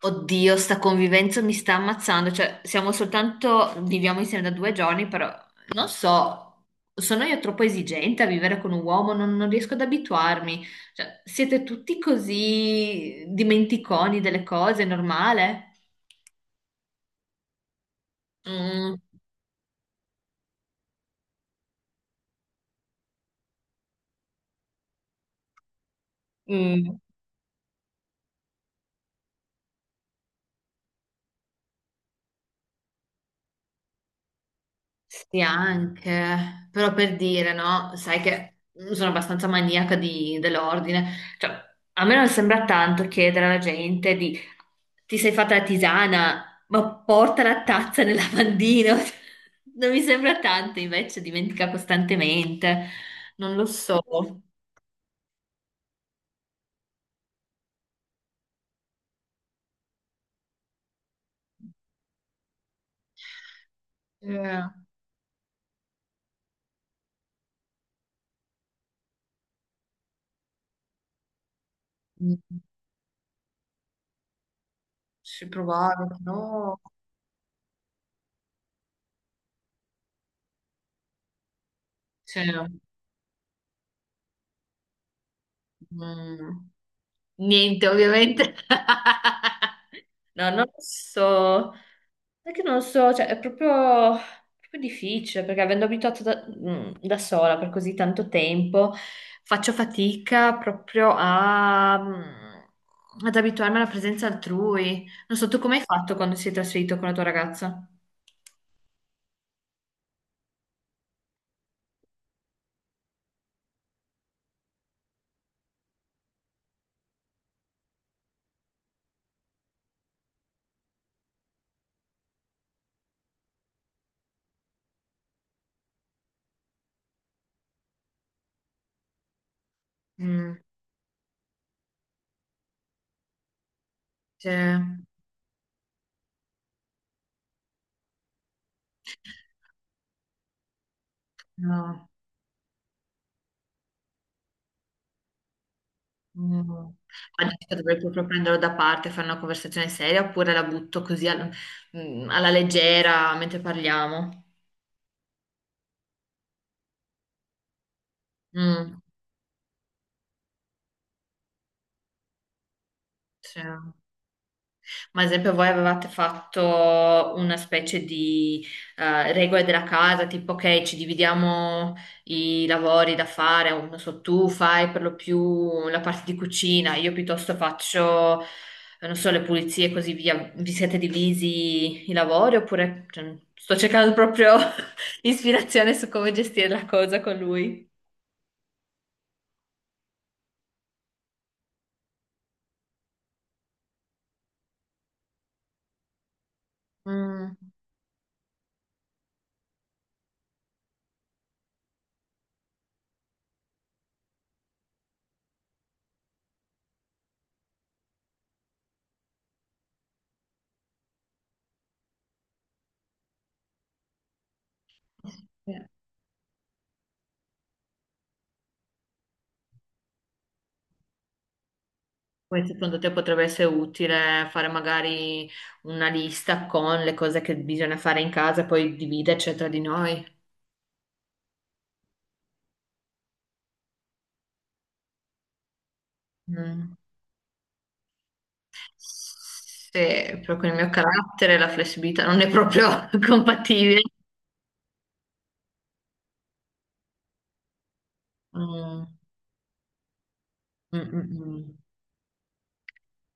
Oddio, sta convivenza mi sta ammazzando, cioè siamo soltanto, viviamo insieme da due giorni, però non so, sono io troppo esigente a vivere con un uomo, non riesco ad abituarmi, cioè siete tutti così dimenticoni delle cose, è normale? Mm, mm. Sì, anche, però per dire, no? Sai che sono abbastanza maniaca dell'ordine. Cioè, a me non sembra tanto chiedere alla gente di ti sei fatta la tisana, ma porta la tazza nel lavandino. Non mi sembra tanto, invece dimentica costantemente. Non lo so. Eh, mm, Ci provare, no? Cioè, mm, Niente, ovviamente. No, non lo so, è che non lo so, cioè è proprio difficile perché avendo abituato da sola per così tanto tempo, faccio fatica proprio a, ad abituarmi alla presenza altrui. Non so, tu come hai fatto quando sei trasferito con la tua ragazza? Mm, cioè, no. Mm. Adesso dovrei proprio prenderlo da parte, fare una conversazione seria oppure la butto così alla leggera mentre parliamo. Mm, sì. Ma ad esempio voi avevate fatto una specie di regole della casa, tipo che ci dividiamo i lavori da fare, o non so, tu fai per lo più la parte di cucina, io piuttosto faccio, non so, le pulizie e così via. Vi siete divisi i lavori oppure cioè, sto cercando proprio ispirazione su come gestire la cosa con lui? Mm. Poi secondo te potrebbe essere utile fare magari una lista con le cose che bisogna fare in casa e poi dividerci tra di noi? Mm. Se proprio il mio carattere, la flessibilità non è proprio compatibile. Mm, mm, mm, mm.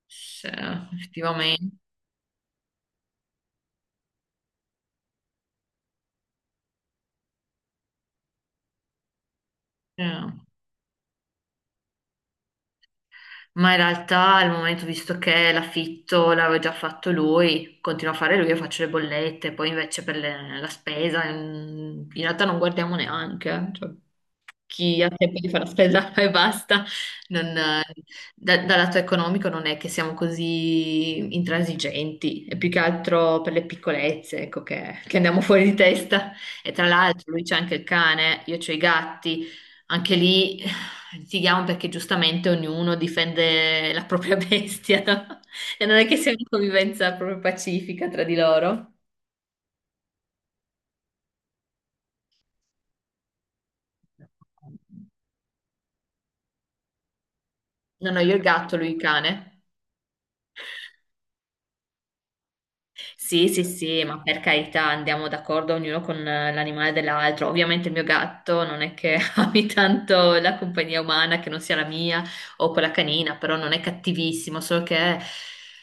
Sì, effettivamente. Ma in realtà al momento, visto che l'affitto l'aveva già fatto lui, continuo a fare lui e faccio le bollette, poi invece per la spesa, in realtà non guardiamo neanche. Eh. Cioè. Chi ha tempo di fare la spesa e basta, non- eh, dal lato economico non è che siamo così intransigenti, è più che altro per le piccolezze, ecco, che andiamo fuori di testa. E tra l'altro lui c'ha anche il cane, io c'ho i gatti, anche lì litighiamo perché giustamente ognuno difende la propria bestia, no? E non è che sia una convivenza proprio pacifica tra di loro. No, no, Io il gatto, lui il cane. Sì, sì, sì, ma per carità andiamo d'accordo ognuno con l'animale dell'altro. Ovviamente il mio gatto non è che ami tanto la compagnia umana che non sia la mia o quella canina, però non è cattivissimo, solo che,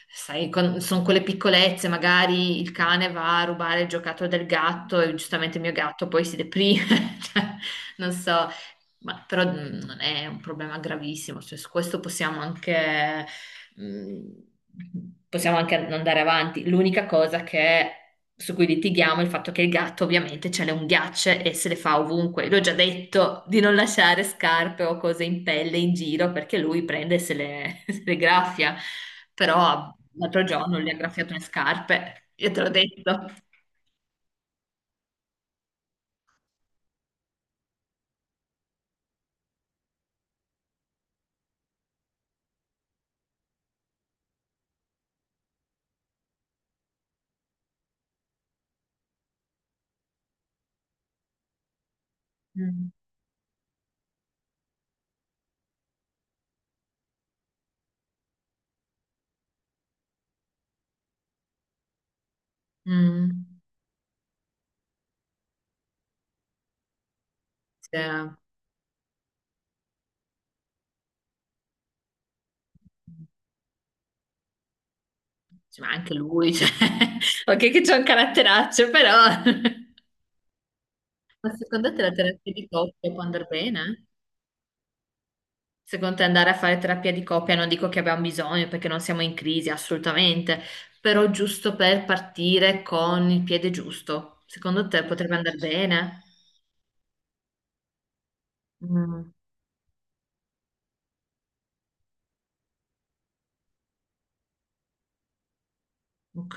sai, sono quelle piccolezze, magari il cane va a rubare il giocattolo del gatto e giustamente il mio gatto poi si deprime. Cioè, non so, però non è un problema gravissimo, cioè, su questo possiamo anche, Mm, possiamo anche andare avanti. L'unica cosa che, su cui litighiamo è il fatto che il gatto ovviamente ce le unghiacce e se le fa ovunque. L'ho già detto di non lasciare scarpe o cose in pelle in giro perché lui prende e se se le graffia. Però l'altro giorno gli ha graffiato le scarpe, io te l'ho detto. Mm. Mm. Cioè, sì, ma anche lui, cioè, ok che c'è un caratteraccio, però... Ma secondo te la terapia di coppia può andare bene? Secondo te andare a fare terapia di coppia non dico che abbiamo bisogno perché non siamo in crisi, assolutamente, però giusto per partire con il piede giusto. Secondo te potrebbe andare bene? Mm, ok.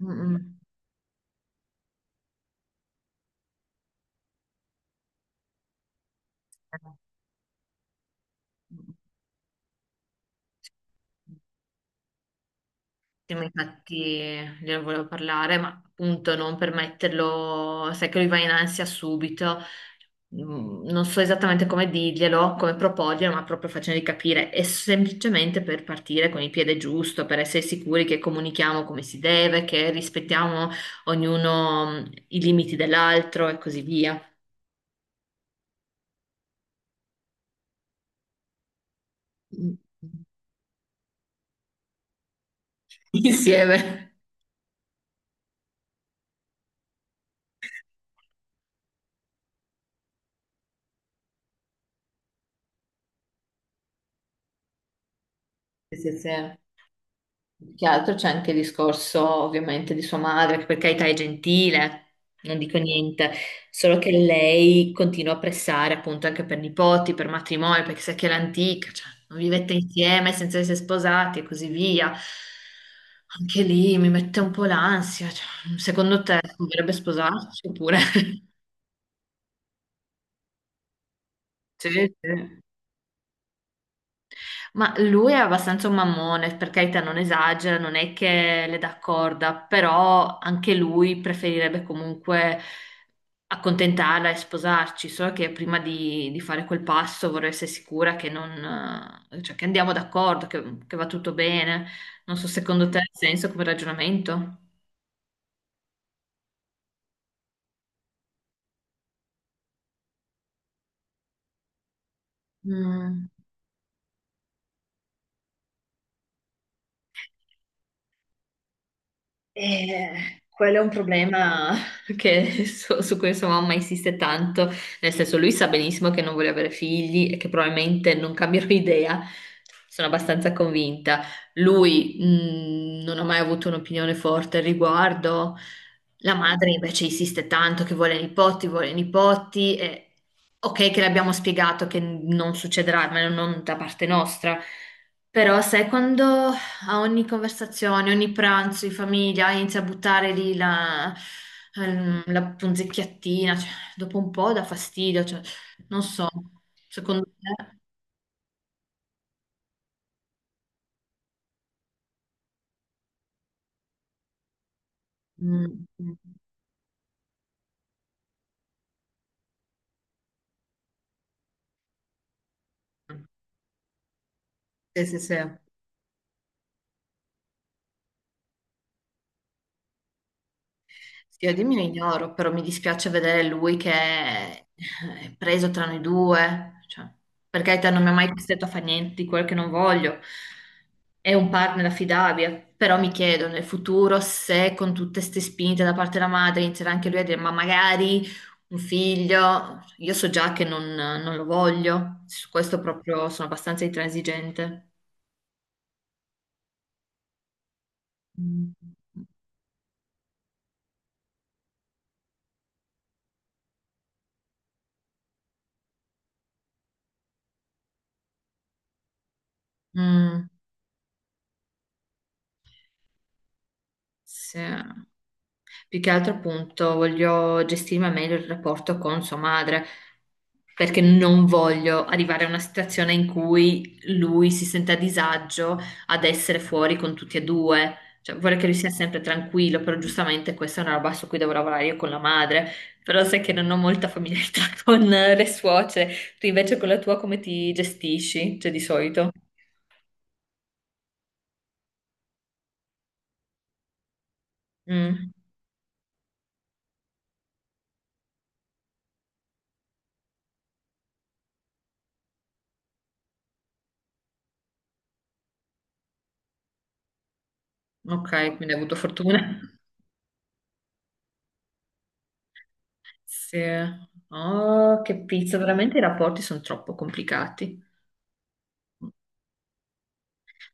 Mm, mm. Sì, ma infatti ne volevo parlare, ma appunto non per metterlo, sai che lui va in ansia subito, non so esattamente come dirglielo, come proporglielo, ma proprio facendogli capire, è semplicemente per partire con il piede giusto, per essere sicuri che comunichiamo come si deve, che rispettiamo ognuno i limiti dell'altro e così via. Mm. Insieme. Sì, sì, sì. Più che altro c'è anche il discorso ovviamente di sua madre, che per carità è gentile, non dico niente, solo che lei continua a pressare appunto anche per nipoti, per matrimonio, perché sa che è l'antica, cioè non vivete insieme senza essere sposati e così via. Anche lì mi mette un po' l'ansia, cioè, secondo te si dovrebbe sposarsi oppure... Sì, sì. Ma lui è abbastanza un mammone, per carità non esagera, non è che le dà corda, però anche lui preferirebbe comunque accontentarla e sposarci, solo che prima di fare quel passo vorrei essere sicura che non, cioè che andiamo d'accordo, che va tutto bene. Non so, secondo te ha senso come ragionamento? Mm. Quello è un problema su, su cui sua mamma insiste tanto, nel senso lui sa benissimo che non vuole avere figli e che probabilmente non cambierò idea, sono abbastanza convinta. Lui non ha mai avuto un'opinione forte al riguardo, la madre invece insiste tanto che vuole nipoti, e ok che le abbiamo spiegato che non succederà, ma non da parte nostra, però sai quando... A ogni conversazione, ogni pranzo in famiglia inizia a buttare lì la punzecchiattina, cioè, dopo un po' dà fastidio, cioè, non so, secondo te? Mm, mm. Sì, sì, sì. Sì, io di mio ignoro, però mi dispiace vedere lui che è preso tra noi due, cioè, per carità non mi ha mai costretto a fare niente di quello che non voglio, è un partner affidabile, però mi chiedo nel futuro se con tutte queste spinte da parte della madre inizierà anche lui a dire ma magari un figlio, io so già che non lo voglio, su questo proprio sono abbastanza intransigente. Mm. Mm. Sì. Più che altro appunto voglio gestirmi al meglio il rapporto con sua madre, perché non voglio arrivare a una situazione in cui lui si sente a disagio ad essere fuori con tutti e due. Cioè, vorrei che lui sia sempre tranquillo, però giustamente questa è una roba su cui devo lavorare io con la madre. Però sai che non ho molta familiarità con le suocere. Tu invece con la tua come ti gestisci? Cioè, di solito? Mm, ok, quindi hai avuto fortuna. Sì. Oh, che pizza, veramente i rapporti sono troppo complicati.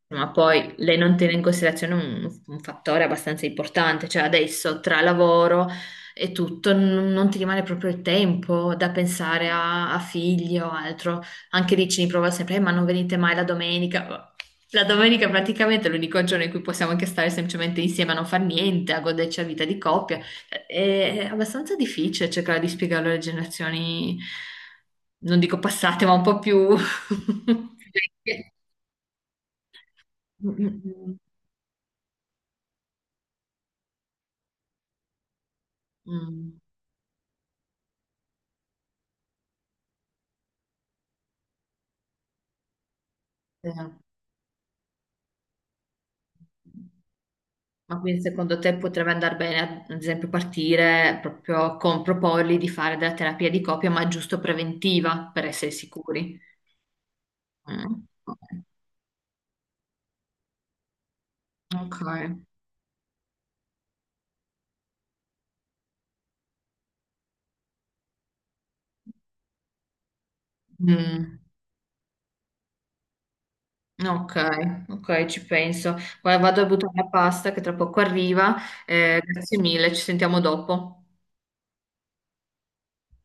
Ma poi lei non tiene in considerazione un fattore abbastanza importante, cioè adesso tra lavoro e tutto non ti rimane proprio il tempo da pensare a figli o altro. Anche lì ci riprova sempre, ma non venite mai la domenica. La domenica praticamente è l'unico giorno in cui possiamo anche stare semplicemente insieme a non far niente, a goderci la vita di coppia. È abbastanza difficile cercare di spiegarlo alle generazioni, non dico passate, ma un po' più... vecchie. Mm, mm, mm. Mm, sì. Ma quindi secondo te potrebbe andare bene, ad esempio, partire proprio con proporgli di fare della terapia di coppia, ma giusto preventiva, per essere sicuri? Mm, ok. Mm, ok, ok, ci penso. Guarda, vado a buttare la pasta che tra poco arriva. Grazie mille, ci sentiamo dopo.